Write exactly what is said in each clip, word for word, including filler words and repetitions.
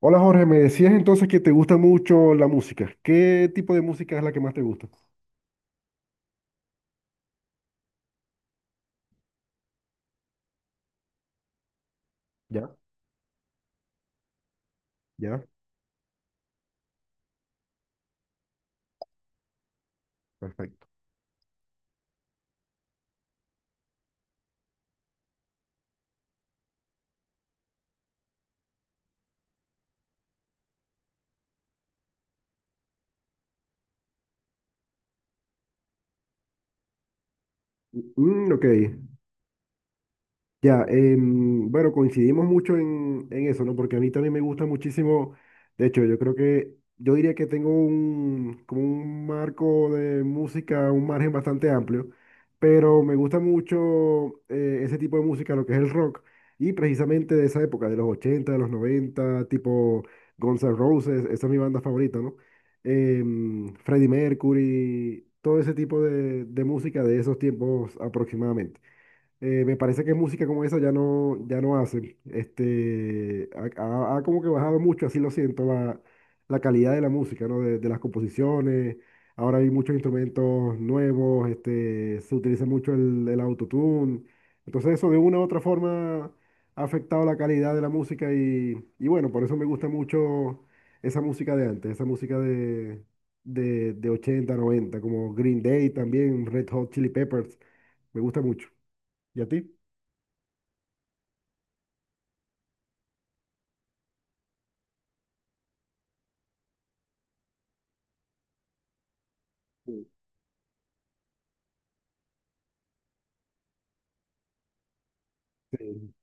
Hola Jorge, me decías entonces que te gusta mucho la música. ¿Qué tipo de música es la que más te gusta? Ya, ya, perfecto. Mm, ok, ya, em, bueno, coincidimos mucho en, en eso, ¿no? Porque a mí también me gusta muchísimo, de hecho, yo creo que, yo diría que tengo un, como un marco de música, un margen bastante amplio, pero me gusta mucho eh, ese tipo de música, lo que es el rock, y precisamente de esa época, de los ochenta de los noventa tipo Guns N' Roses, esa es mi banda favorita, ¿no? Em, Freddie Mercury, todo ese tipo de, de música de esos tiempos aproximadamente. Eh, me parece que música como esa ya no, ya no hacen. Este, ha, ha- ha como que bajado mucho, así lo siento, la, la calidad de la música, ¿no? De, de las composiciones. Ahora hay muchos instrumentos nuevos, este, se utiliza mucho el, el autotune. Entonces eso de una u otra forma ha afectado la calidad de la música y, y bueno, por eso me gusta mucho esa música de antes, esa música de, de, de ochenta noventa como Green Day también, Red Hot Chili Peppers, me gusta mucho. ¿Y a ti? Sí, sí,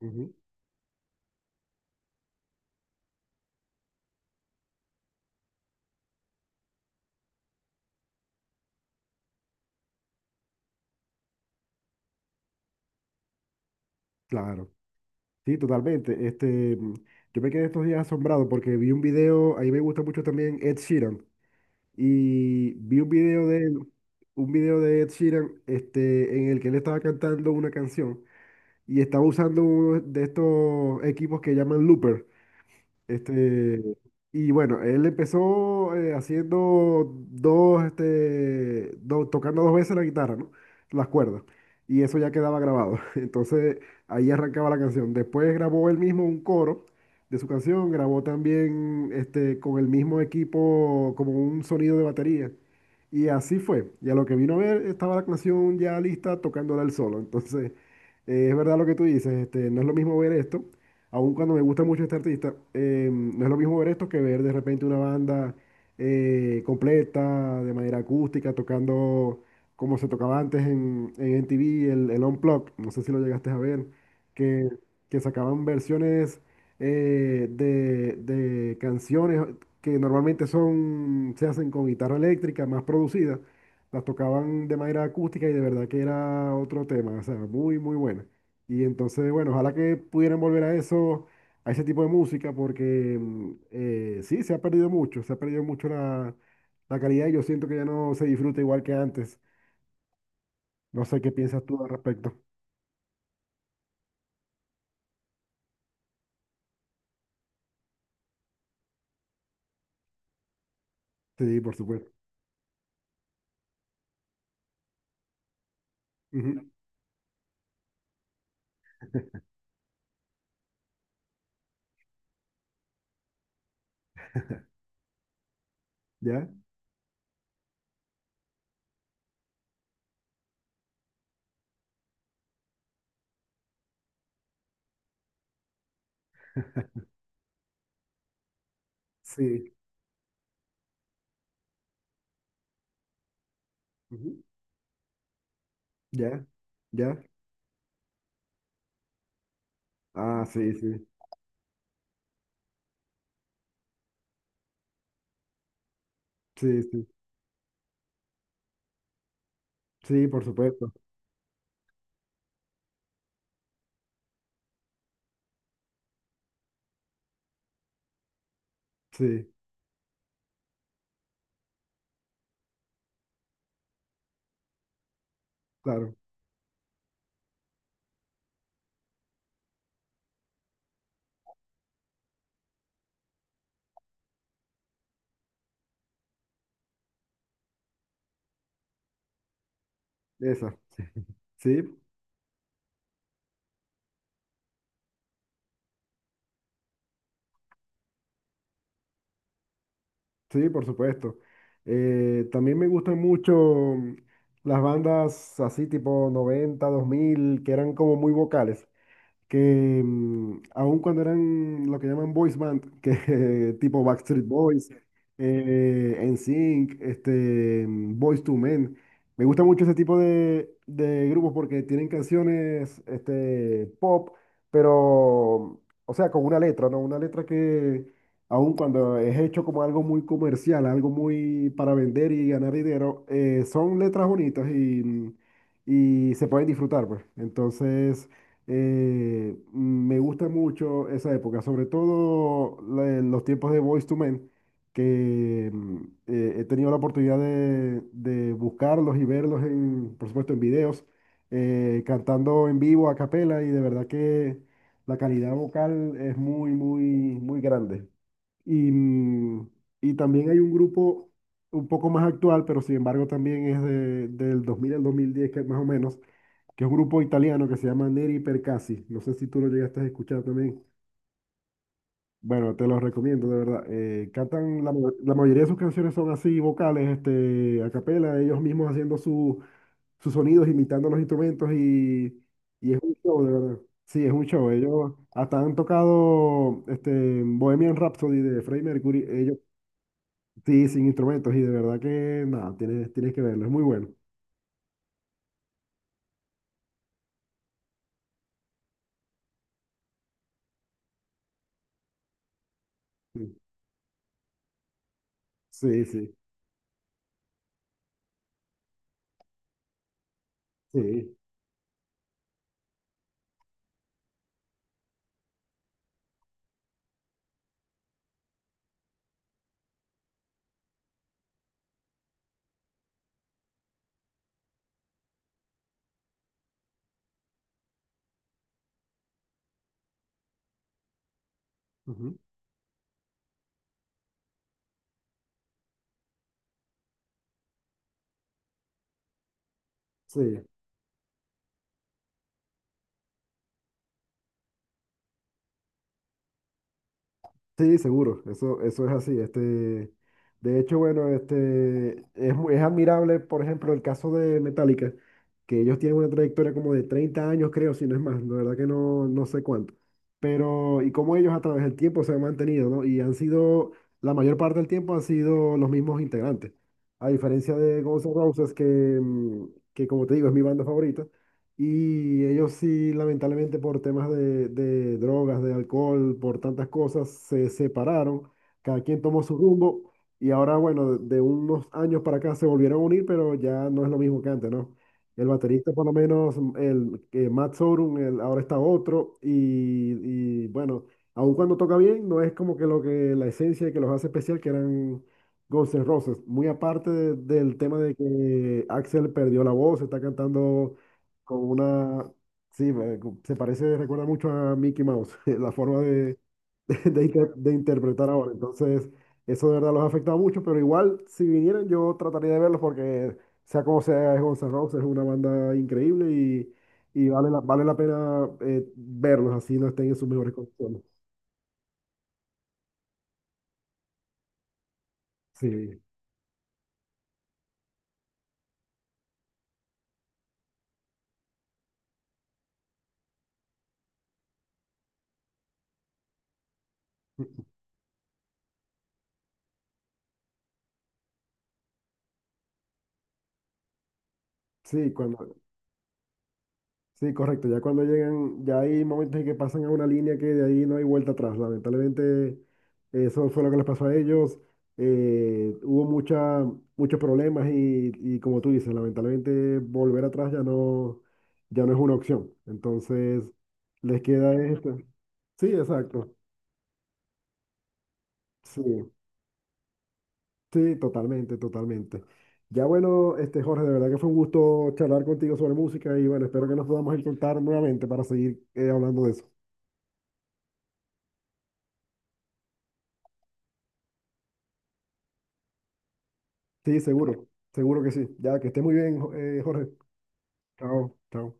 ujú, claro, sí, totalmente. Este, mm, yo me quedé estos días asombrado porque vi un video, a mí me gusta mucho también Ed Sheeran, y vi un video de él, un video de Ed Sheeran, este, en el que él estaba cantando una canción y estaba usando uno de estos equipos que llaman looper. Este, y bueno, él empezó eh, haciendo dos, este, do- tocando dos veces la guitarra, ¿no? Las cuerdas. Y eso ya quedaba grabado. Entonces ahí arrancaba la canción. Después grabó él mismo un coro de su canción, grabó también este, con el mismo equipo como un sonido de batería. Y así fue. Y a lo que vino a ver, estaba la canción ya lista tocándola él solo. Entonces, eh, es verdad lo que tú dices, este, no es lo mismo ver esto aun cuando me gusta mucho este artista, eh, no es lo mismo ver esto que ver de repente una banda eh, completa, de manera acústica, tocando como se tocaba antes en, en M T V, el, el Unplugged, no sé si lo llegaste a ver, que, que sacaban versiones eh, de, de canciones que normalmente son, se hacen con guitarra eléctrica, más producidas, las tocaban de manera acústica y de verdad que era otro tema, o sea, muy, muy buena. Y entonces, bueno, ojalá que pudieran volver a eso, a ese tipo de música, porque mm, eh, sí, se ha perdido mucho, se ha perdido mucho la, la calidad y yo siento que ya no se disfruta igual que antes. No sé qué piensas tú al respecto. Sí, por supuesto. Ujú, ¿ya? Sí. Ujú, ¿ya? ¿Ya? Ah, sí, sí. Sí, sí. Sí, por supuesto. Sí, claro. Esa. Sí. Sí. Sí, por supuesto. Eh, también me gustan mucho las bandas así tipo noventa, dos mil, que eran como muy vocales que mm, aun cuando eran lo que llaman boys band, que tipo Backstreet Boys, eh, en sync, este, mm, Boys to Men, me gusta mucho ese tipo de, de grupos porque tienen canciones este, pop, pero, o sea, con una letra, ¿no? Una letra que aun cuando es hecho como algo muy comercial, algo muy para vender y ganar dinero, eh, son letras bonitas y, mm, y se pueden disfrutar, pues. Entonces... Eh, me gusta mucho esa época, sobre todo la- los tiempos de Boyz to Men, que mm, eh, he tenido la oportunidad de, de buscarlos y verlos, en, por supuesto, en videos, eh, cantando en vivo a capela, y de verdad que la calidad vocal es muy, muy, muy grande. Y, mm, y también hay un grupo un poco más actual, pero sin embargo también es de- del dos mil al dos mil diez que más o menos, que es un grupo italiano que se llama Neri Percassi. No sé si tú lo llegaste a escuchar también. Bueno, te lo recomiendo, de verdad. Eh, cantan, la, ma- la mayoría de sus canciones son así, vocales, este, a capela, ellos mismos haciendo su- sus sonidos, imitando los instrumentos y, y es un show, de verdad. Sí, es un show. Ellos hasta han tocado este, Bohemian Rhapsody de Freddie Mercury, ellos sí, sin instrumentos y de verdad que nada, tienes, tienes que verlo, es muy bueno. Sí, sí, sí. Sí. Ujú, sí. Sí, seguro, eso, eso es así. Este, de hecho, bueno, este, es, mu- es admirable, por ejemplo, el caso de Metallica, que ellos tienen una trayectoria como de treinta años, creo, si no es más, la verdad que no, no sé cuánto. Pero, y cómo ellos a través del tiempo se han mantenido, ¿no? Y han sido, la mayor parte del tiempo han sido los mismos integrantes. A diferencia de Guns N' Roses, que, mm, que como te digo, es mi banda favorita, y ellos sí, lamentablemente por temas de, de drogas, de alcohol, por tantas cosas, se separaron, cada quien tomó su rumbo y ahora, bueno, de, de unos años para acá se volvieron a unir, pero ya no es lo mismo que antes, ¿no? El baterista por lo menos, mm, el, eh, Matt Sorum, el- ahora está otro y, y, bueno, aun cuando toca bien, no es como que lo que la esencia que los hace especial, que eran Guns N' Roses, muy aparte de- del tema de que Axel perdió la voz, está cantando con una... Sí, me- se parece, recuerda mucho a Mickey Mouse, la forma de, de, de inter- de interpretar ahora. Entonces, eso de verdad los ha afectado mucho, pero igual, si vinieran, yo trataría de verlos porque, sea como sea, es Guns N' Roses, es una banda increíble y, y vale la, vale la pena eh, verlos, así no estén en sus mejores condiciones. Sí, sí, cuando, sí, correcto. Ya cuando llegan, ya hay momentos en que pasan a una línea que de ahí no hay vuelta atrás. Lamentablemente, eso fue lo que les pasó a ellos. Eh, hubo mucha, muchos problemas y, y como tú dices, lamentablemente volver atrás ya no, ya no es una opción. Entonces, les queda esto. Sí, exacto. Sí, sí, totalmente, totalmente. Ya bueno, este Jorge, de verdad que fue un gusto charlar contigo sobre música y bueno, espero que nos podamos encontrar nuevamente para seguir eh, hablando de eso. Sí, seguro, seguro que sí. Ya, que esté muy bien, Jo- eh, Jorge. Chao, chao.